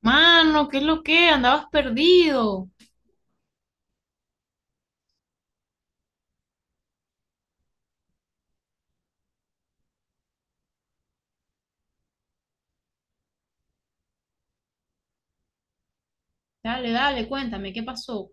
Mano, ¿qué es lo que? Andabas perdido. Dale, dale, cuéntame, ¿qué pasó?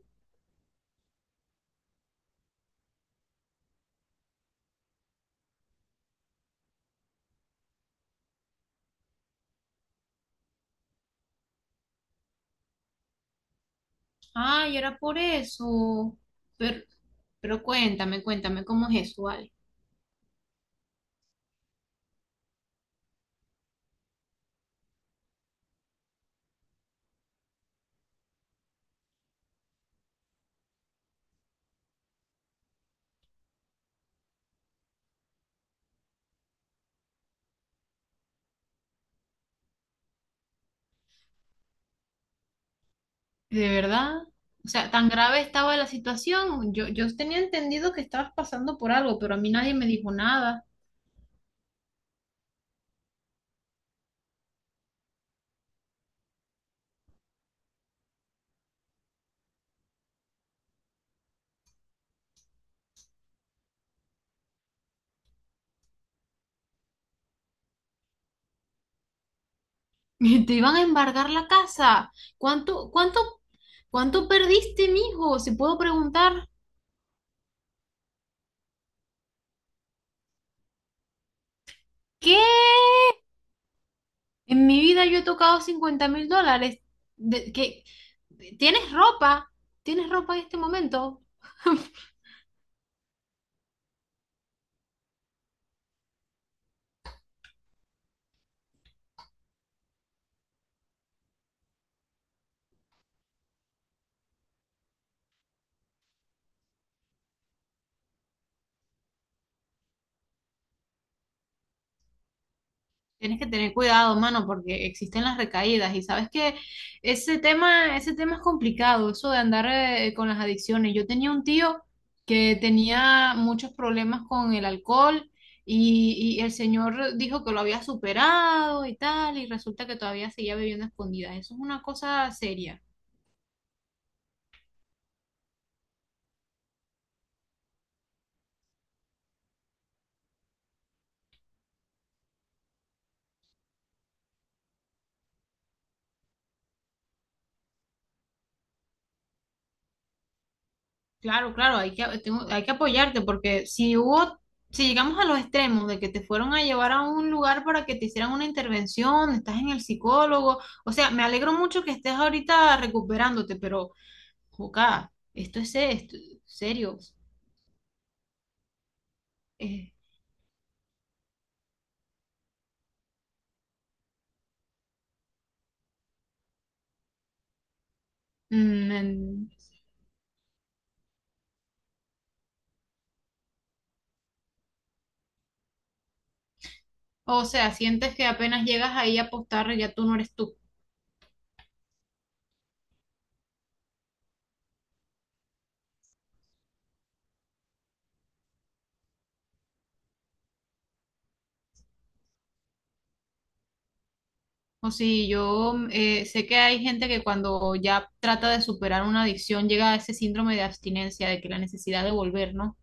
Ay, era por eso. Pero, pero cuéntame, cuéntame, ¿cómo es eso, vale? ¿De verdad? O sea, ¿tan grave estaba la situación? Yo tenía entendido que estabas pasando por algo, pero a mí nadie me dijo nada. Te iban a embargar la casa. ¿Cuánto, cuánto, cuánto perdiste, mijo? Si puedo preguntar. ¿Qué? En mi vida yo he tocado $50.000. Que, ¿tienes ropa? ¿Tienes ropa en este momento? Tienes que tener cuidado, mano, porque existen las recaídas y sabes que ese tema es complicado, eso de andar con las adicciones. Yo tenía un tío que tenía muchos problemas con el alcohol y el señor dijo que lo había superado y tal, y resulta que todavía seguía bebiendo a escondidas. Eso es una cosa seria. Claro, claro, hay que, hay que apoyarte porque si hubo, si llegamos a los extremos de que te fueron a llevar a un lugar para que te hicieran una intervención, estás en el psicólogo, o sea, me alegro mucho que estés ahorita recuperándote, pero, joca, esto es se- esto- serio. Eh, mm, en- o sea, sientes que apenas llegas ahí a apostar, ya tú no eres tú. O si yo sé que hay gente que cuando ya trata de superar una adicción llega a ese síndrome de abstinencia, de que la necesidad de volver, ¿no?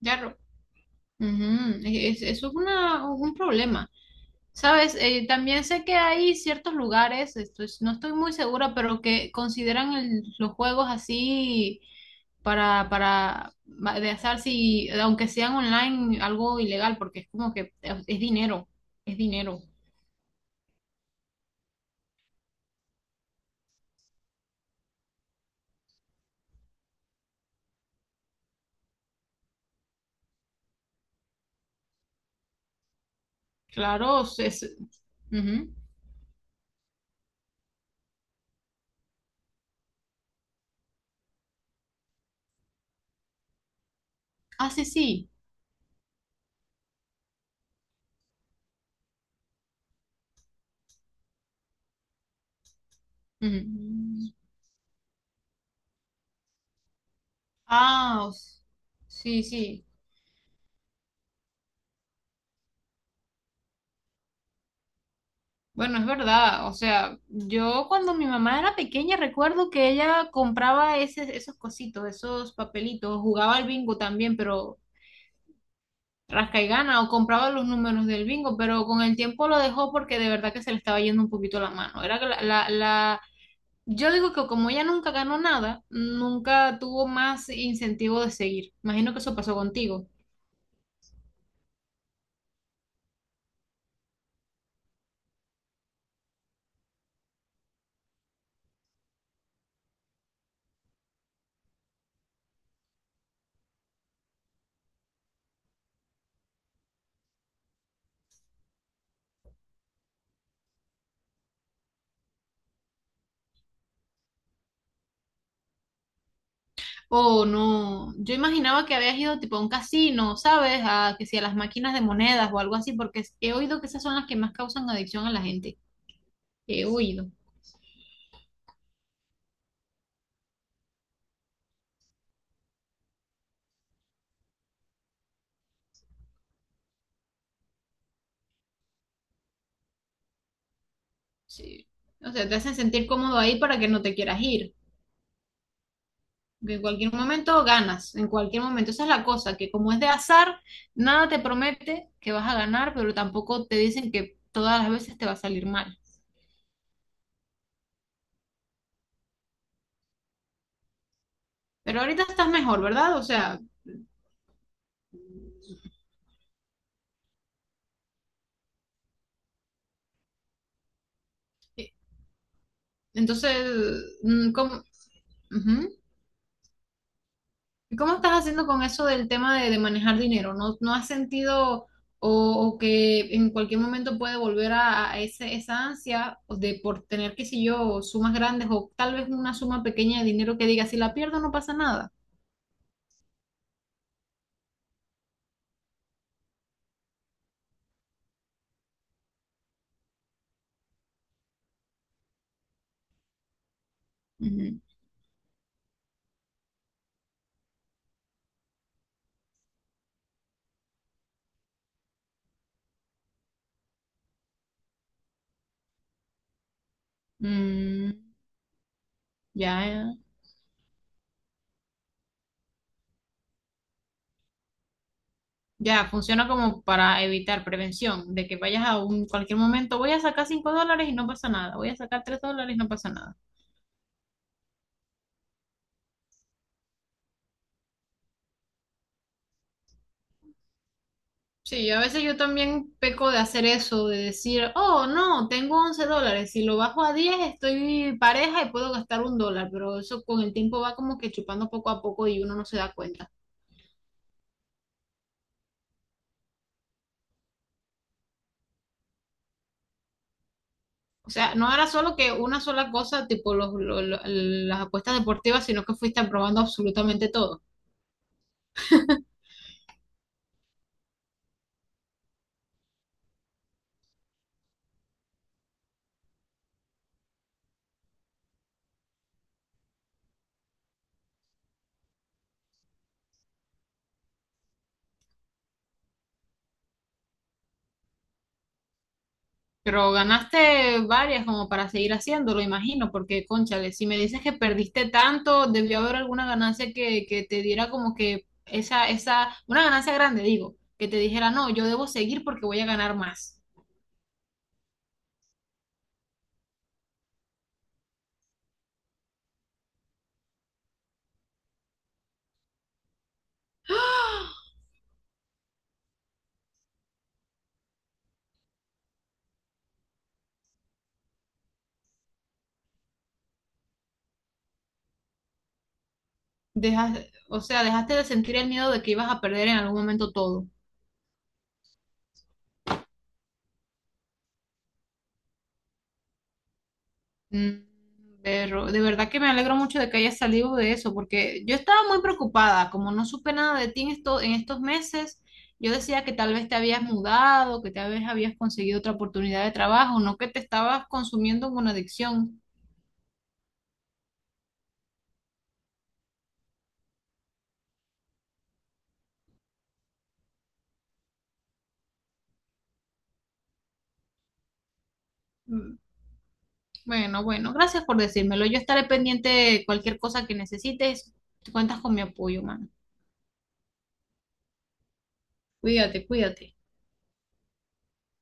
Ya Ujú, Eso es un problema. Sabes, también sé que hay ciertos lugares, no estoy muy segura, pero que consideran los juegos así para, para de azar, si, aunque sean online, algo ilegal, porque es como que es dinero, es dinero. Claro, es- ujú. Ah, sí, sí. Ujú. Ah, o s- sí, sí. Bueno, es verdad, o sea, yo cuando mi mamá era pequeña recuerdo que ella compraba esos cositos, esos papelitos, jugaba al bingo también, pero rasca y gana, o compraba los números del bingo, pero con el tiempo lo dejó porque de verdad que se le estaba yendo un poquito la mano. Era que yo digo que como ella nunca ganó nada, nunca tuvo más incentivo de seguir. Imagino que eso pasó contigo. Oh, no. Yo imaginaba que habías ido tipo a un casino, ¿sabes? A que si a las máquinas de monedas o algo así, porque he oído que esas son las que más causan adicción a la gente. He oído. Sí. O sea, te hacen sentir cómodo ahí para que no te quieras ir. Que en cualquier momento ganas, en cualquier momento. Esa es la cosa, que como es de azar, nada te promete que vas a ganar, pero tampoco te dicen que todas las veces te va a salir mal. Pero ahorita estás mejor, ¿verdad? O sea, eh, entonces, ¿cómo? Ujú. ¿Y cómo estás haciendo con eso del tema de manejar dinero? ¿No, no has sentido o que en cualquier momento puede volver a ese, esa ansia de por tener, qué sé yo, sumas grandes o tal vez una suma pequeña de dinero que diga, si la pierdo no pasa nada? Ujú. Mm, ya, ya, funciona como para evitar prevención, de que vayas a un cualquier momento, voy a sacar $5 y no pasa nada, voy a sacar $3 y no pasa nada. Sí, a veces yo también peco de hacer eso, de decir, oh, no, tengo $11, si lo bajo a 10, estoy pareja y puedo gastar $1, pero eso con el tiempo va como que chupando poco a poco y uno no se da cuenta. O sea, no era solo que una sola cosa, tipo las apuestas deportivas, sino que fuiste probando absolutamente todo. Pero ganaste varias como para seguir haciéndolo, imagino, porque, cónchale, si me dices que perdiste tanto, debió haber alguna ganancia que te diera como que una ganancia grande, digo, que te dijera, no, yo debo seguir porque voy a ganar más. Dejas, o sea, dejaste de sentir el miedo de que ibas a perder en algún momento todo. Mm, Pero de verdad que me alegro mucho de que hayas salido de eso, porque yo estaba muy preocupada, como no supe nada de ti en esto, en estos meses, yo decía que tal vez te habías mudado, que tal vez habías conseguido otra oportunidad de trabajo, no que te estabas consumiendo en una adicción. Mm, Bueno, bueno, gracias por decírmelo. Yo estaré pendiente de cualquier cosa que necesites. Cuentas con mi apoyo, mano. Cuídate, cuídate.